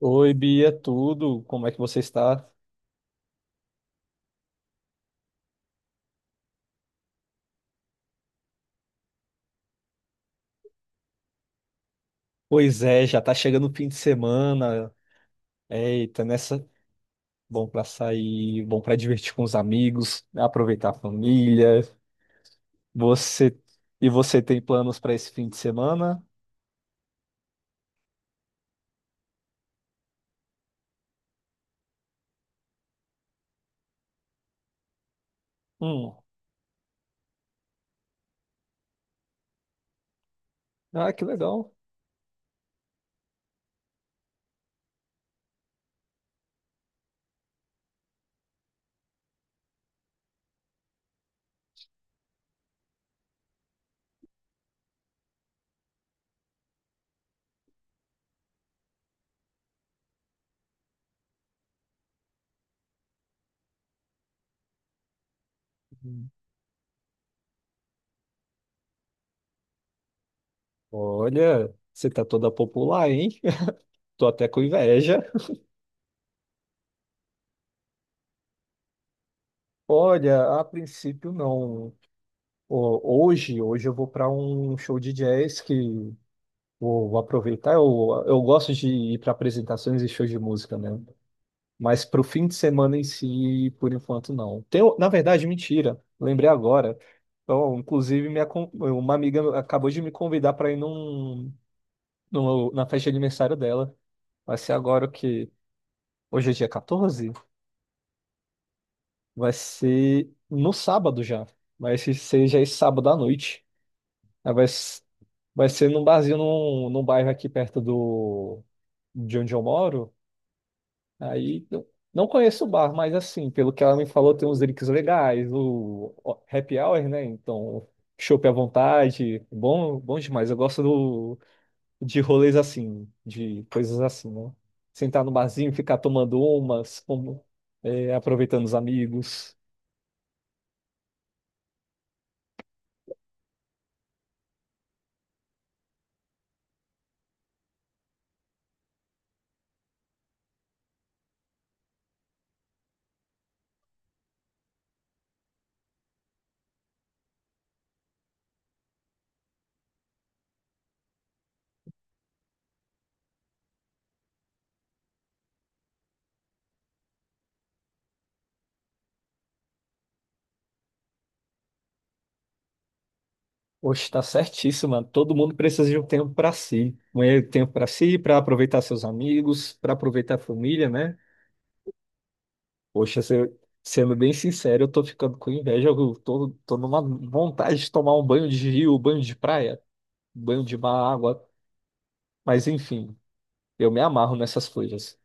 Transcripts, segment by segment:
Oi, Bia, tudo? Como é que você está? Pois é, já tá chegando o fim de semana. Eita, nessa, bom pra sair, bom pra divertir com os amigos, aproveitar a família. Você você tem planos para esse fim de semana? Hum. Ah, que legal. Hum. Olha, você tá toda popular, hein? Tô até com inveja. Olha, a princípio não. Ho- hoje eu vou para um show de jazz. Que Vou, aproveitar. Eu gosto de ir para apresentações e shows de música, né? Mas para o fim de semana em si, por enquanto, não. Tem, na verdade, mentira. Lembrei agora. Então, inclusive, uma amiga acabou de me convidar para ir na festa de aniversário dela. Vai ser agora o que? Hoje é dia 14? Vai ser no sábado já. Vai ser já esse sábado à noite. Aí vai ser num barzinho, num bairro aqui perto de onde eu moro. Aí não, não conheço o bar, mas assim, pelo que ela me falou, tem uns drinks legais, o happy hour, né? Então, chopp à vontade, bom, bom demais. Eu gosto de rolês assim, de coisas assim, né? Sentar no barzinho, ficar tomando umas, aproveitando os amigos. Oxe, tá certíssimo, mano. Todo mundo precisa de um tempo pra si. Um tempo pra si, pra aproveitar seus amigos, pra aproveitar a família, né? Poxa, sendo bem sincero, eu tô ficando com inveja. Eu tô numa vontade de tomar um banho de rio, banho de praia, banho de mar, água. Mas enfim, eu me amarro nessas coisas.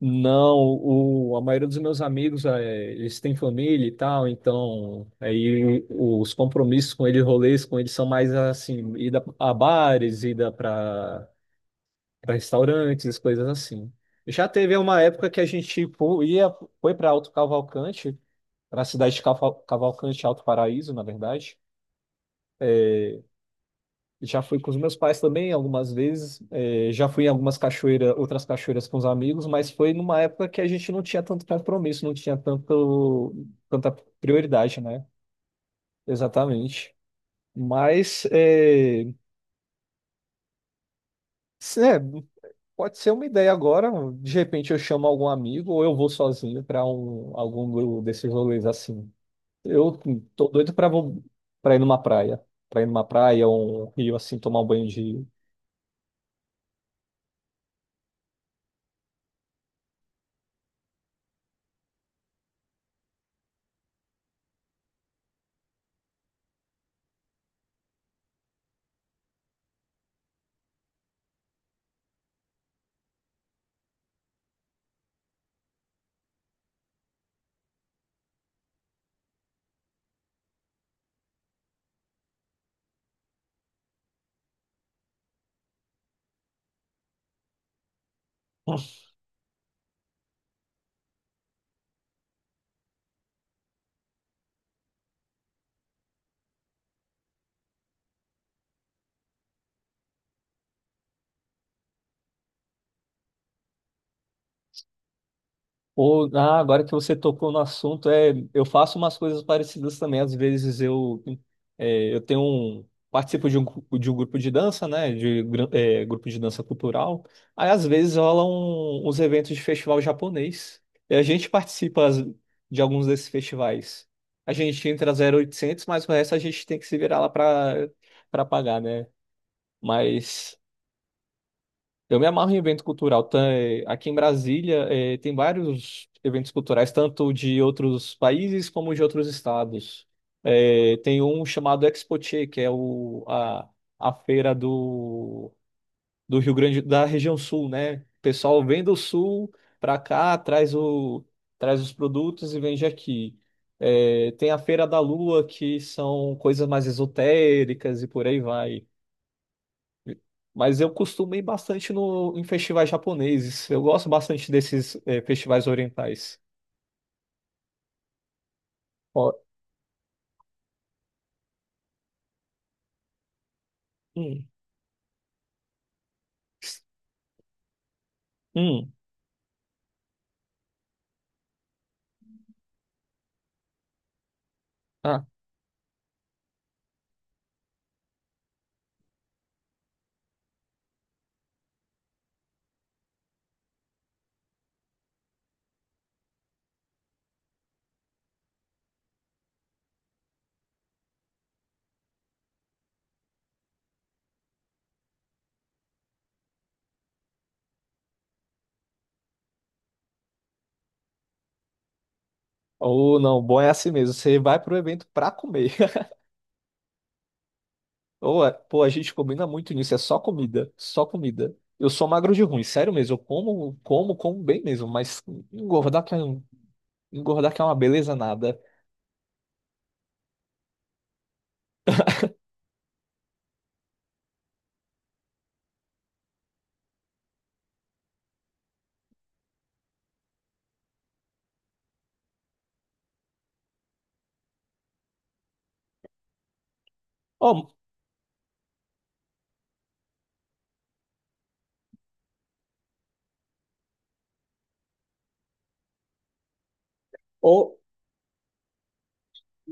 Não, a maioria dos meus amigos, eles têm família e tal, então aí os compromissos com eles, rolês com eles são mais assim, ida a bares, ida para restaurantes, coisas assim. Já teve uma época que a gente tipo, foi para Alto Cavalcante, na cidade de Cavalcante, Alto Paraíso, na verdade. Já fui com os meus pais também algumas vezes. Já fui em algumas cachoeiras, outras cachoeiras com os amigos, mas foi numa época que a gente não tinha tanto compromisso, não tinha tanta prioridade, né? Exatamente. Mas se- é, pode ser uma ideia agora. De repente eu chamo algum amigo ou eu vou sozinho para algum desses rolês assim. Eu tô doido pra ir numa praia. Pra ir numa praia, um rio, assim, tomar um banho de rio. Ou, ah, agora que você tocou no assunto, eu faço umas coisas parecidas também. Às vezes eu participo de um grupo de dança, né? De grupo de dança cultural. Aí às vezes rolam uns eventos de festival japonês. E a gente participa de alguns desses festivais. A gente entra 0800, mas o resto a gente tem que se virar lá para pagar, né? Mas eu me amarro em evento cultural. Tá, aqui em Brasília, tem vários eventos culturais, tanto de outros países como de outros estados. Tem um chamado Expoche, que é a feira do Rio Grande, da região sul, né? O pessoal vem do sul para cá, traz os produtos e vende aqui. Tem a Feira da Lua, que são coisas mais esotéricas e por aí vai. Mas eu costumo ir bastante no, em festivais japoneses. Eu gosto bastante desses festivais orientais. Ó, hum, hum, ah, ou não, bom é assim mesmo. Você vai pro evento pra comer. Ou, pô, a gente combina muito nisso. É só comida, só comida. Eu sou magro de ruim, sério mesmo. Eu como, como, como bem mesmo. Mas engordar que é, um- engordar que é uma beleza nada. Ó,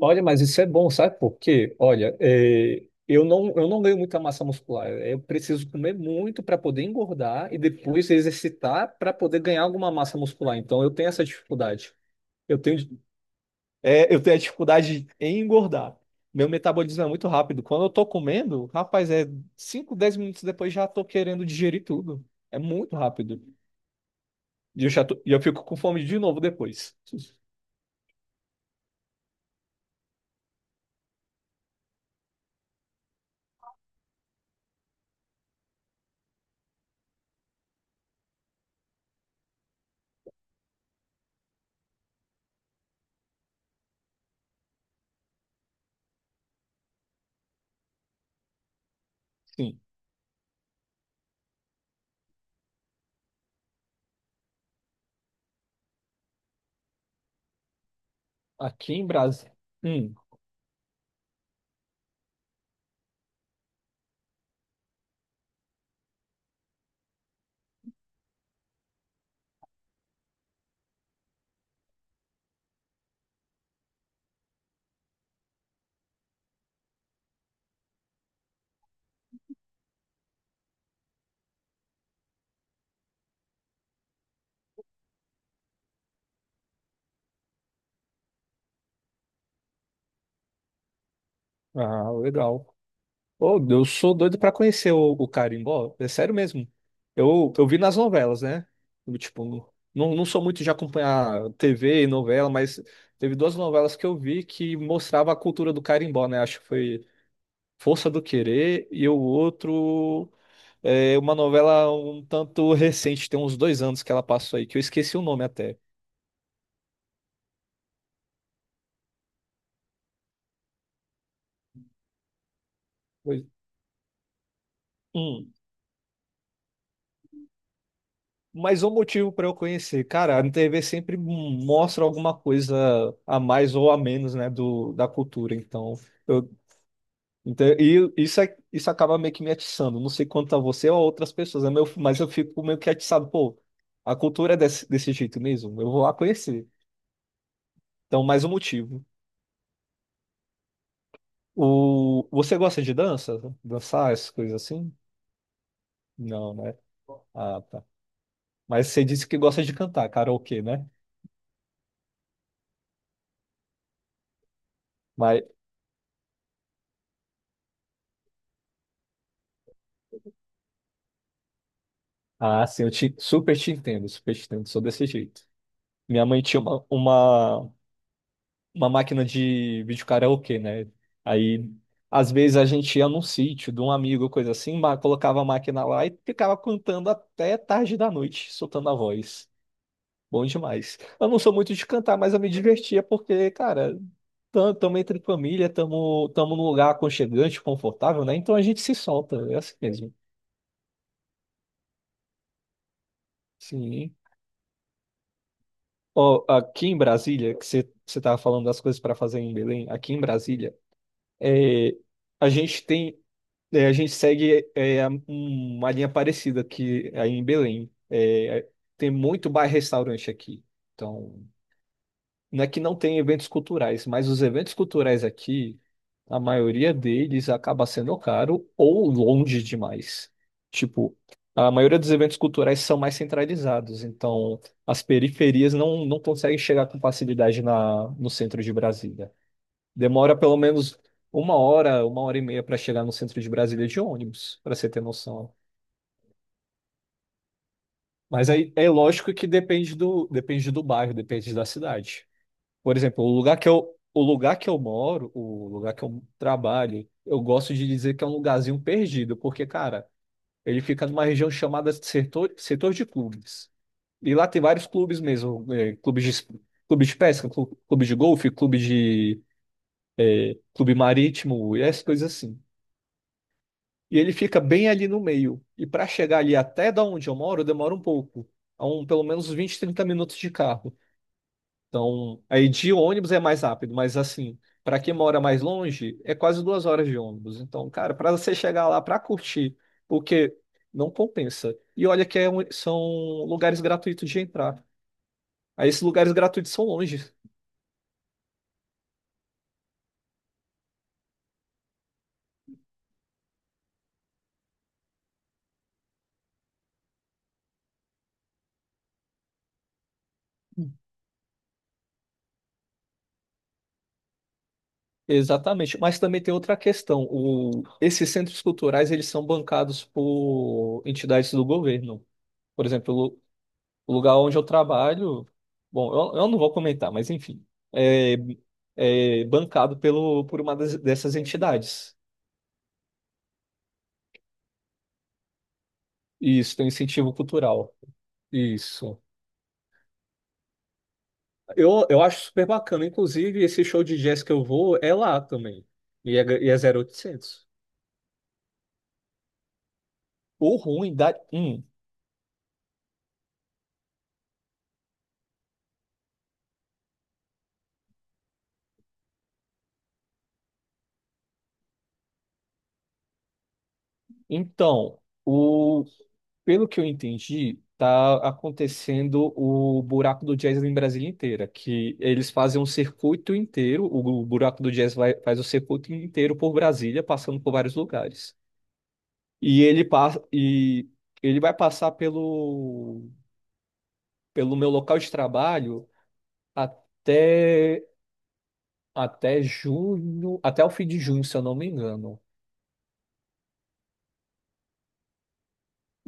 olha, mas isso é bom, sabe por quê? Olha, eu não ganho muita massa muscular. Eu preciso comer muito para poder engordar e depois exercitar para poder ganhar alguma massa muscular. Então, eu tenho essa dificuldade. Eu tenho, eu tenho a dificuldade em engordar. Meu metabolismo é muito rápido. Quando eu tô comendo, rapaz, é 5 10 minutos depois já tô querendo digerir tudo. É muito rápido. E eu já tô- e eu fico com fome de novo depois. Sim. Aqui em Brasília. Hum. Ah, legal. Ô, eu sou doido pra conhecer o carimbó, é sério mesmo. Eu vi nas novelas, né? Eu, tipo, não sou muito de acompanhar TV e novela, mas teve duas novelas que eu vi que mostrava a cultura do carimbó, né? Acho que foi Força do Querer e o outro é uma novela um tanto recente, tem uns 2 anos que ela passou aí, que eu esqueci o nome até. Pois- Hum. Mais um motivo para eu conhecer. Cara, a TV sempre mostra alguma coisa a mais ou a menos, né, da cultura. Então, eu, então e isso, é- isso acaba meio que me atiçando. Não sei quanto a você ou a outras pessoas, né, mas eu fico meio que atiçado. Pô, a cultura é desse jeito mesmo. Eu vou lá conhecer. Então, mais um motivo. O, você gosta de dança? Dançar, essas coisas assim? Não, né? Ah, tá. Mas você disse que gosta de cantar, karaokê, né? Mas Ah, sim, super te entendo, sou desse jeito. Minha mãe tinha uma máquina de vídeo karaokê, né? Aí, às vezes, a gente ia num sítio de um amigo, coisa assim, colocava a máquina lá e ficava cantando até tarde da noite, soltando a voz. Bom demais. Eu não sou muito de cantar, mas eu me divertia porque, cara, tamo entre família, tamo num lugar aconchegante, confortável, né? Então a gente se solta, é assim mesmo. Sim. Ó, aqui em Brasília, que você estava falando das coisas para fazer em Belém, aqui em Brasília, é, a gente tem, a gente segue uma linha parecida que é aí em Belém. É, tem muito bar-restaurante aqui. Então, não é que não tem eventos culturais, mas os eventos culturais aqui, a maioria deles acaba sendo caro ou longe demais. Tipo, a maioria dos eventos culturais são mais centralizados, então as periferias não conseguem chegar com facilidade no centro de Brasília. Demora pelo menos uma hora e meia para chegar no centro de Brasília de ônibus, para você ter noção. Mas aí é lógico que depende do bairro, depende da cidade. Por exemplo, o lugar que eu moro, o lugar que eu trabalho, eu gosto de dizer que é um lugarzinho perdido, porque, cara, ele fica numa região chamada setor de clubes. E lá tem vários clubes mesmo, clubes de pesca, clube de golfe, clube marítimo, e essas coisas assim. E ele fica bem ali no meio. E para chegar ali até da onde eu moro, demora um pouco, pelo menos 20, 30 minutos de carro. Então, aí de ônibus é mais rápido, mas assim, para quem mora mais longe, é quase 2 horas de ônibus. Então, cara, para você chegar lá para curtir, porque não compensa. E olha que são lugares gratuitos de entrar. Aí esses lugares gratuitos são longe. Exatamente. Mas também tem outra questão. Esses centros culturais, eles são bancados por entidades do governo. Por exemplo, o lugar onde eu trabalho, bom, eu não vou comentar, mas enfim, é, é bancado por uma dessas entidades. Isso, tem um incentivo cultural. Isso. Eu acho super bacana. Inclusive, esse show de jazz que eu vou é lá também. E é 0800. O ruim da. Então, o Pelo que eu entendi, tá acontecendo o buraco do jazz em Brasília inteira, que eles fazem um circuito inteiro, o buraco do jazz faz o circuito inteiro por Brasília, passando por vários lugares. E ele vai passar pelo meu local de trabalho até até junho, até o fim de junho, se eu não me engano.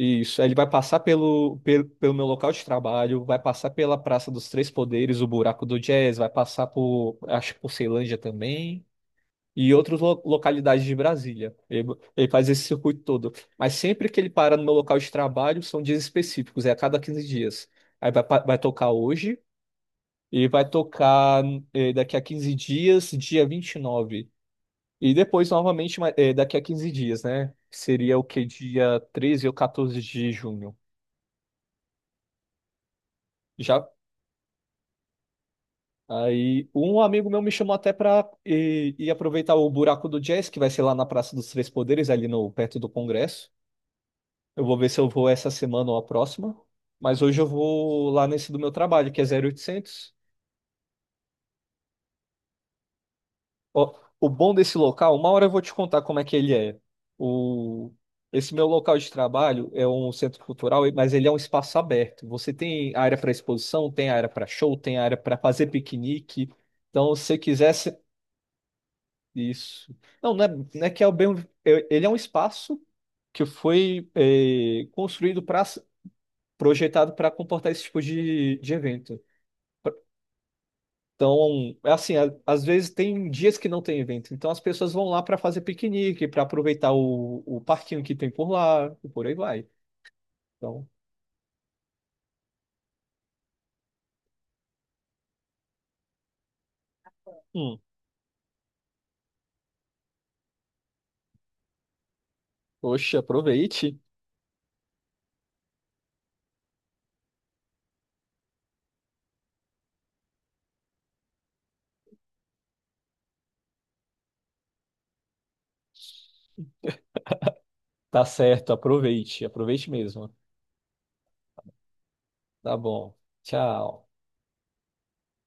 Isso. Aí ele vai passar pelo meu local de trabalho, vai passar pela Praça dos Três Poderes, o Buraco do Jazz, vai passar acho que por Ceilândia também, e outras localidades de Brasília. Ele faz esse circuito todo. Mas sempre que ele para no meu local de trabalho, são dias específicos, é a cada 15 dias. Aí vai tocar hoje, e vai tocar daqui a 15 dias, dia vinte e nove e depois, novamente, daqui a 15 dias, né? Seria o que? Dia 13 ou 14 de junho. Já Aí um amigo meu me chamou até para ir aproveitar o buraco do jazz, que vai ser lá na Praça dos Três Poderes, ali no perto do Congresso. Eu vou ver se eu vou essa semana ou a próxima. Mas hoje eu vou lá nesse do meu trabalho, que é 0800. Ó, o bom desse local, uma hora eu vou te contar como é que ele é. O, esse meu local de trabalho é um centro cultural, mas ele é um espaço aberto. Você tem área para exposição, tem área para show, tem área para fazer piquenique. Então, se você quiser. Isso. Não, não é que é o bem. Ele é um espaço que foi construído para projetado para comportar esse tipo de evento. Então, é assim, às vezes tem dias que não tem evento, então as pessoas vão lá para fazer piquenique, para aproveitar o parquinho que tem por lá, e por aí vai. Então, hum, poxa, aproveite. Tá certo, aproveite, aproveite mesmo. Tá bom. Tchau.